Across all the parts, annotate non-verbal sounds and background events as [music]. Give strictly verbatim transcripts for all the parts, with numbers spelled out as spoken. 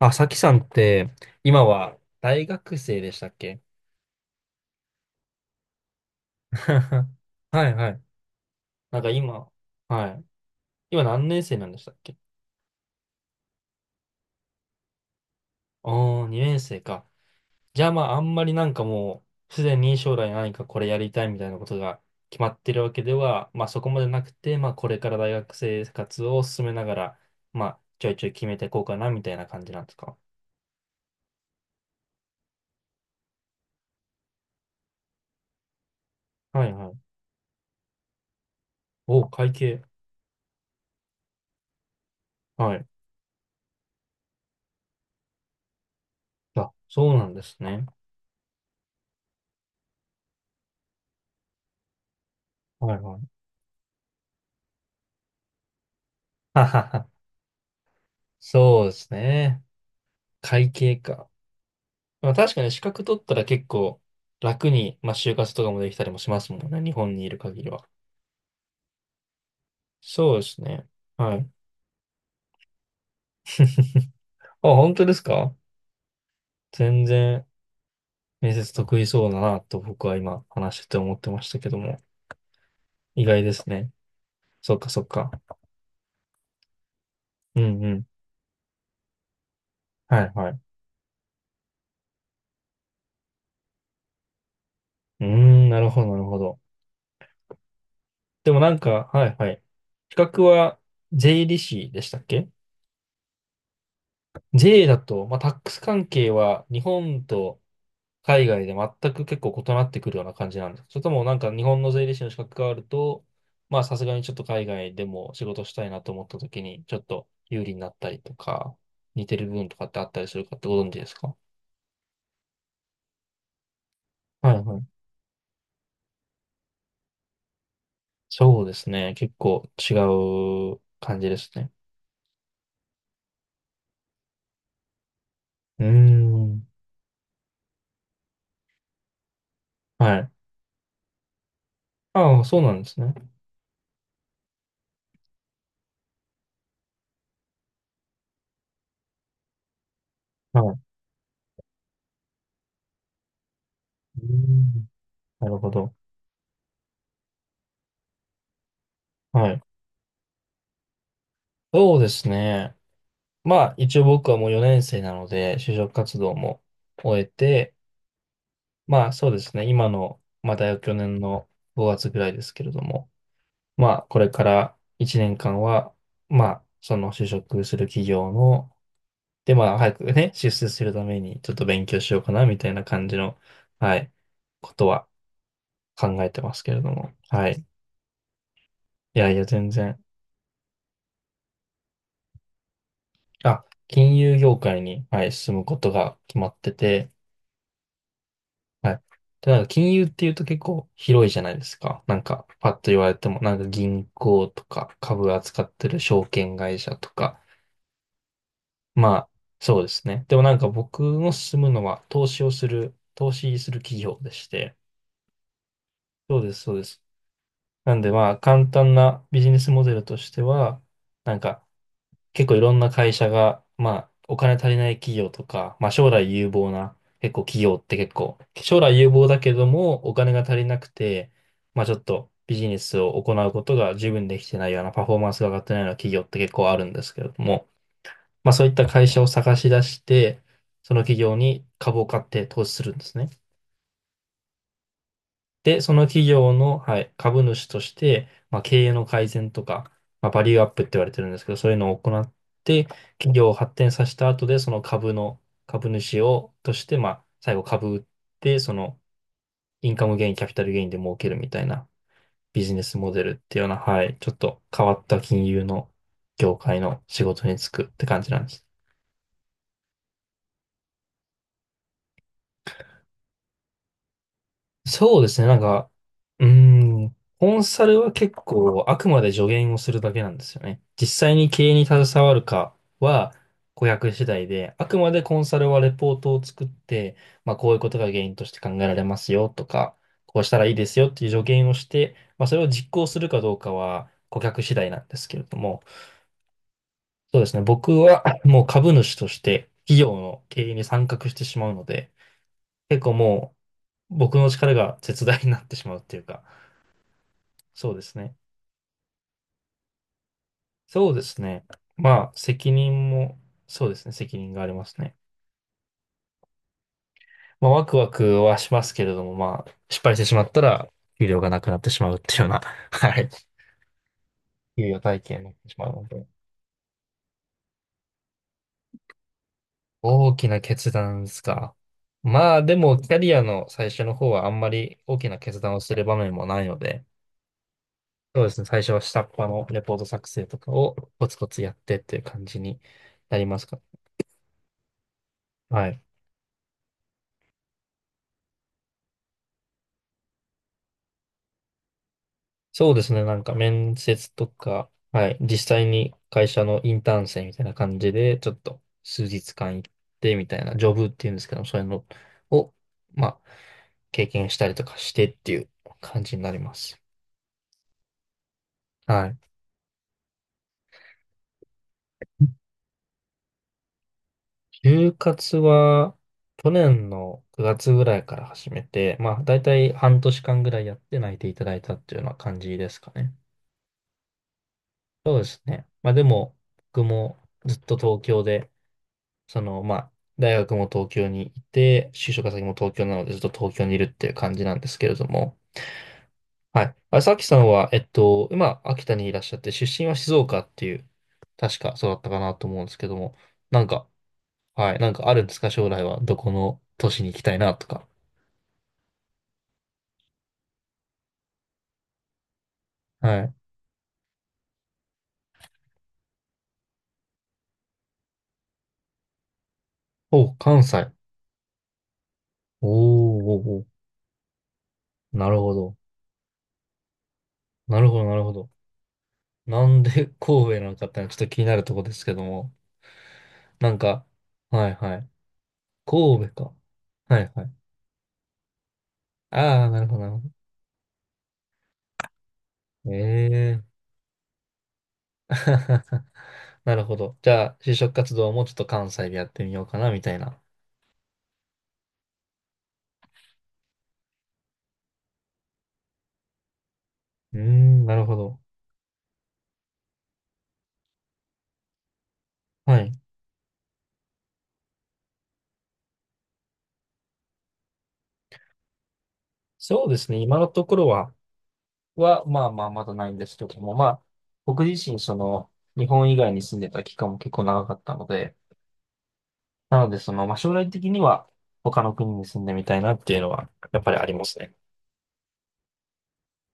あ、さきさんって、今は大学生でしたっけ？ [laughs] はいはい。なんか今、はい。今何年生なんでしたっけ？おー、にねん生か。じゃあまあ、あんまりなんかもう、すでに将来何かこれやりたいみたいなことが決まってるわけでは、まあそこまでなくて、まあこれから大学生活を進めながら、まあちょいちょい決めていこうかなみたいな感じなんですか？はいはい。お会計。はい。あ、そうなんですね。はいはい。[laughs] ははは。そうですね。会計か。まあ確かに資格取ったら結構楽に、まあ就活とかもできたりもしますもんね。日本にいる限りは。そうですね。はい。あ、本当ですか？全然面接得意そうだなと僕は今話してて思ってましたけども。意外ですね。そっかそっか。うんうん。はいはい。うーん、なるほどなるほど。でもなんか、はいはい。資格は税理士でしたっけ？税だと、まあタックス関係は日本と海外で全く結構異なってくるような感じなんですか？それともなんか日本の税理士の資格があると、まあさすがにちょっと海外でも仕事したいなと思った時にちょっと有利になったりとか、似てる部分とかってあったりするかってご存知ですか？はいはい。そうですね。結構違う感じですね。うーん。はい。ああ、そうなんですね。はい。うーん。なるほど。はい。そうですね。まあ一応僕はもうよねん生なので、就職活動も終えて、まあそうですね。今の、まだ去年のごがつぐらいですけれども、まあこれからいちねんかんは、まあその就職する企業の、でまあ早くね、出世するためにちょっと勉強しようかなみたいな感じの、はい、ことは考えてますけれども、はい。いやいや全然、あ、金融業界に、はい、進むことが決まってて、はい。で、なんか金融っていうと結構広いじゃないですか。なんか、パッと言われても、なんか銀行とか株扱ってる証券会社とか。まあ、そうですね。でもなんか僕の進むのは投資をする、投資する企業でして。そうです、そうです。なんでまあ、簡単なビジネスモデルとしては、なんか、結構いろんな会社が、まあ、お金足りない企業とか、まあ、将来有望な、結構企業って結構、将来有望だけども、お金が足りなくて、まあ、ちょっとビジネスを行うことが十分できてないような、パフォーマンスが上がってないような企業って結構あるんですけれども、まあ、そういった会社を探し出して、その企業に株を買って投資するんですね。で、その企業の、はい、株主として、まあ、経営の改善とか、まあ、バリューアップって言われてるんですけど、そういうのを行って、企業を発展させた後で、その株の、株主を、として、まあ、最後株売って、その、インカムゲイン、キャピタルゲインで儲けるみたいなビジネスモデルっていうような、はい、ちょっと変わった金融の業界の仕事に就くって感じなんです。そうですね。なんか、うーん、コンサルは結構あくまで助言をするだけなんですよね。実際に経営に携わるかは顧客次第で、あくまでコンサルはレポートを作って、まあこういうことが原因として考えられますよとか、こうしたらいいですよっていう助言をして、まあそれを実行するかどうかは顧客次第なんですけれども、そうですね。僕は [laughs] もう株主として企業の経営に参画してしまうので、結構もう僕の力が絶大になってしまうっていうか、そうですね。そうですね。まあ、責任も、そうですね。責任がありますね。まあ、ワクワクはしますけれども、まあ、失敗してしまったら、給料がなくなってしまうっていうような、[laughs] はい。給与体系になってしまうので。大きな決断ですか。まあ、でも、キャリアの最初の方はあんまり大きな決断をする場面もないので、そうですね。最初は下っ端のレポート作成とかをコツコツやってっていう感じになりますか。はい。そうですね。なんか面接とか、はい。実際に会社のインターン生みたいな感じで、ちょっと数日間行ってみたいな、ジョブっていうんですけど、そういうのを、まあ、経験したりとかしてっていう感じになります。はい。就活は、去年のくがつぐらいから始めて、まあ、だいたい半年間ぐらいやって内定いただいたっていうような感じですかね。そうですね。まあ、でも、僕もずっと東京でその、まあ、大学も東京にいて、就職先も東京なのでずっと東京にいるっていう感じなんですけれども、はい。あ、さきさんは、えっと、今、秋田にいらっしゃって、出身は静岡っていう、確かそうだったかなと思うんですけども、なんか、はい、なんかあるんですか、将来は、どこの都市に行きたいなとか。はい。お、関西。おーおーおー、なるほど。なるほど、なるほど。なんで神戸なのかってのはちょっと気になるところですけども、なんか、はいはい。神戸か。はいはい。ああ、なるほど、なるほど。ええ [laughs] なるほど。じゃあ、就職活動もちょっと関西でやってみようかな、みたいな。うーん、なるほど。はい。そうですね。今のところは、は、まあまあ、まだないんですけども、まあ、僕自身、その、日本以外に住んでた期間も結構長かったので、なので、その、まあ、将来的には、他の国に住んでみたいなっていうのは、やっぱりありますね。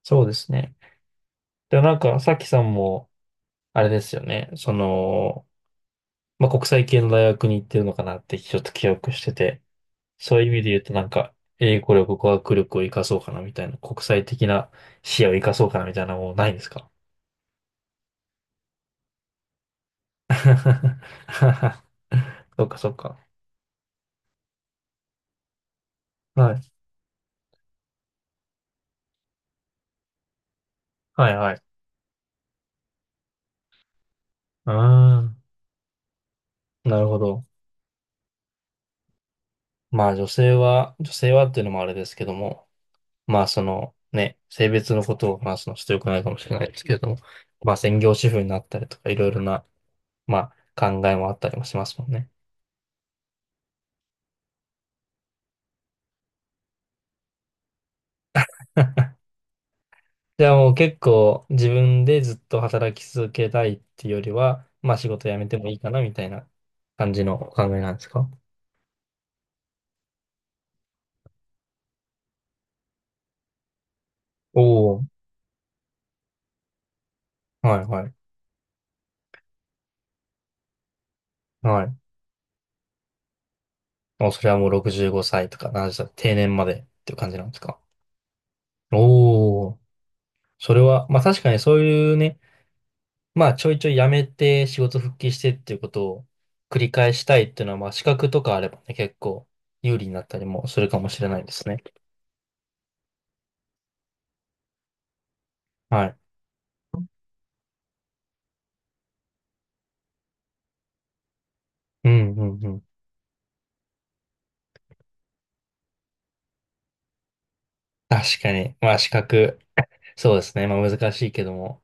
そうですね。で、なんか、さきさんも、あれですよね。その、まあ、国際系の大学に行ってるのかなってちょっと記憶してて、そういう意味で言うとなんか、英語力、語学力を活かそうかなみたいな、国際的な視野を活かそうかなみたいなのもうないんですか？ [laughs] そうか、そうか。はい。はい、はい。ああ、なるほど。まあ、女性は、女性はっていうのもあれですけども、まあ、その、ね、性別のことを話すのはちょっと良くないかもしれないですけれども、まあ、専業主婦になったりとか、いろいろな、まあ、考えもあったりもしますもんね。[laughs] じゃあもう結構自分でずっと働き続けたいっていうよりは、まあ仕事辞めてもいいかなみたいな感じのお考えなんですか？おおー、はいはい、はい。もうそれはもうろくじゅうごさいとかななじゅっさい、定年までっていう感じなんですか？おおー、それは、まあ確かにそういうね、まあちょいちょい辞めて仕事復帰してっていうことを繰り返したいっていうのは、まあ資格とかあればね、結構有利になったりもするかもしれないですね。はい。うんうんうん。確かに。まあ資格。そうですね。まあ難しいけども、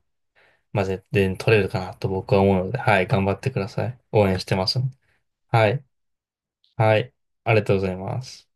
まあ絶対取れるかなと僕は思うので、はい、頑張ってください。応援してます。はい、はい、ありがとうございます。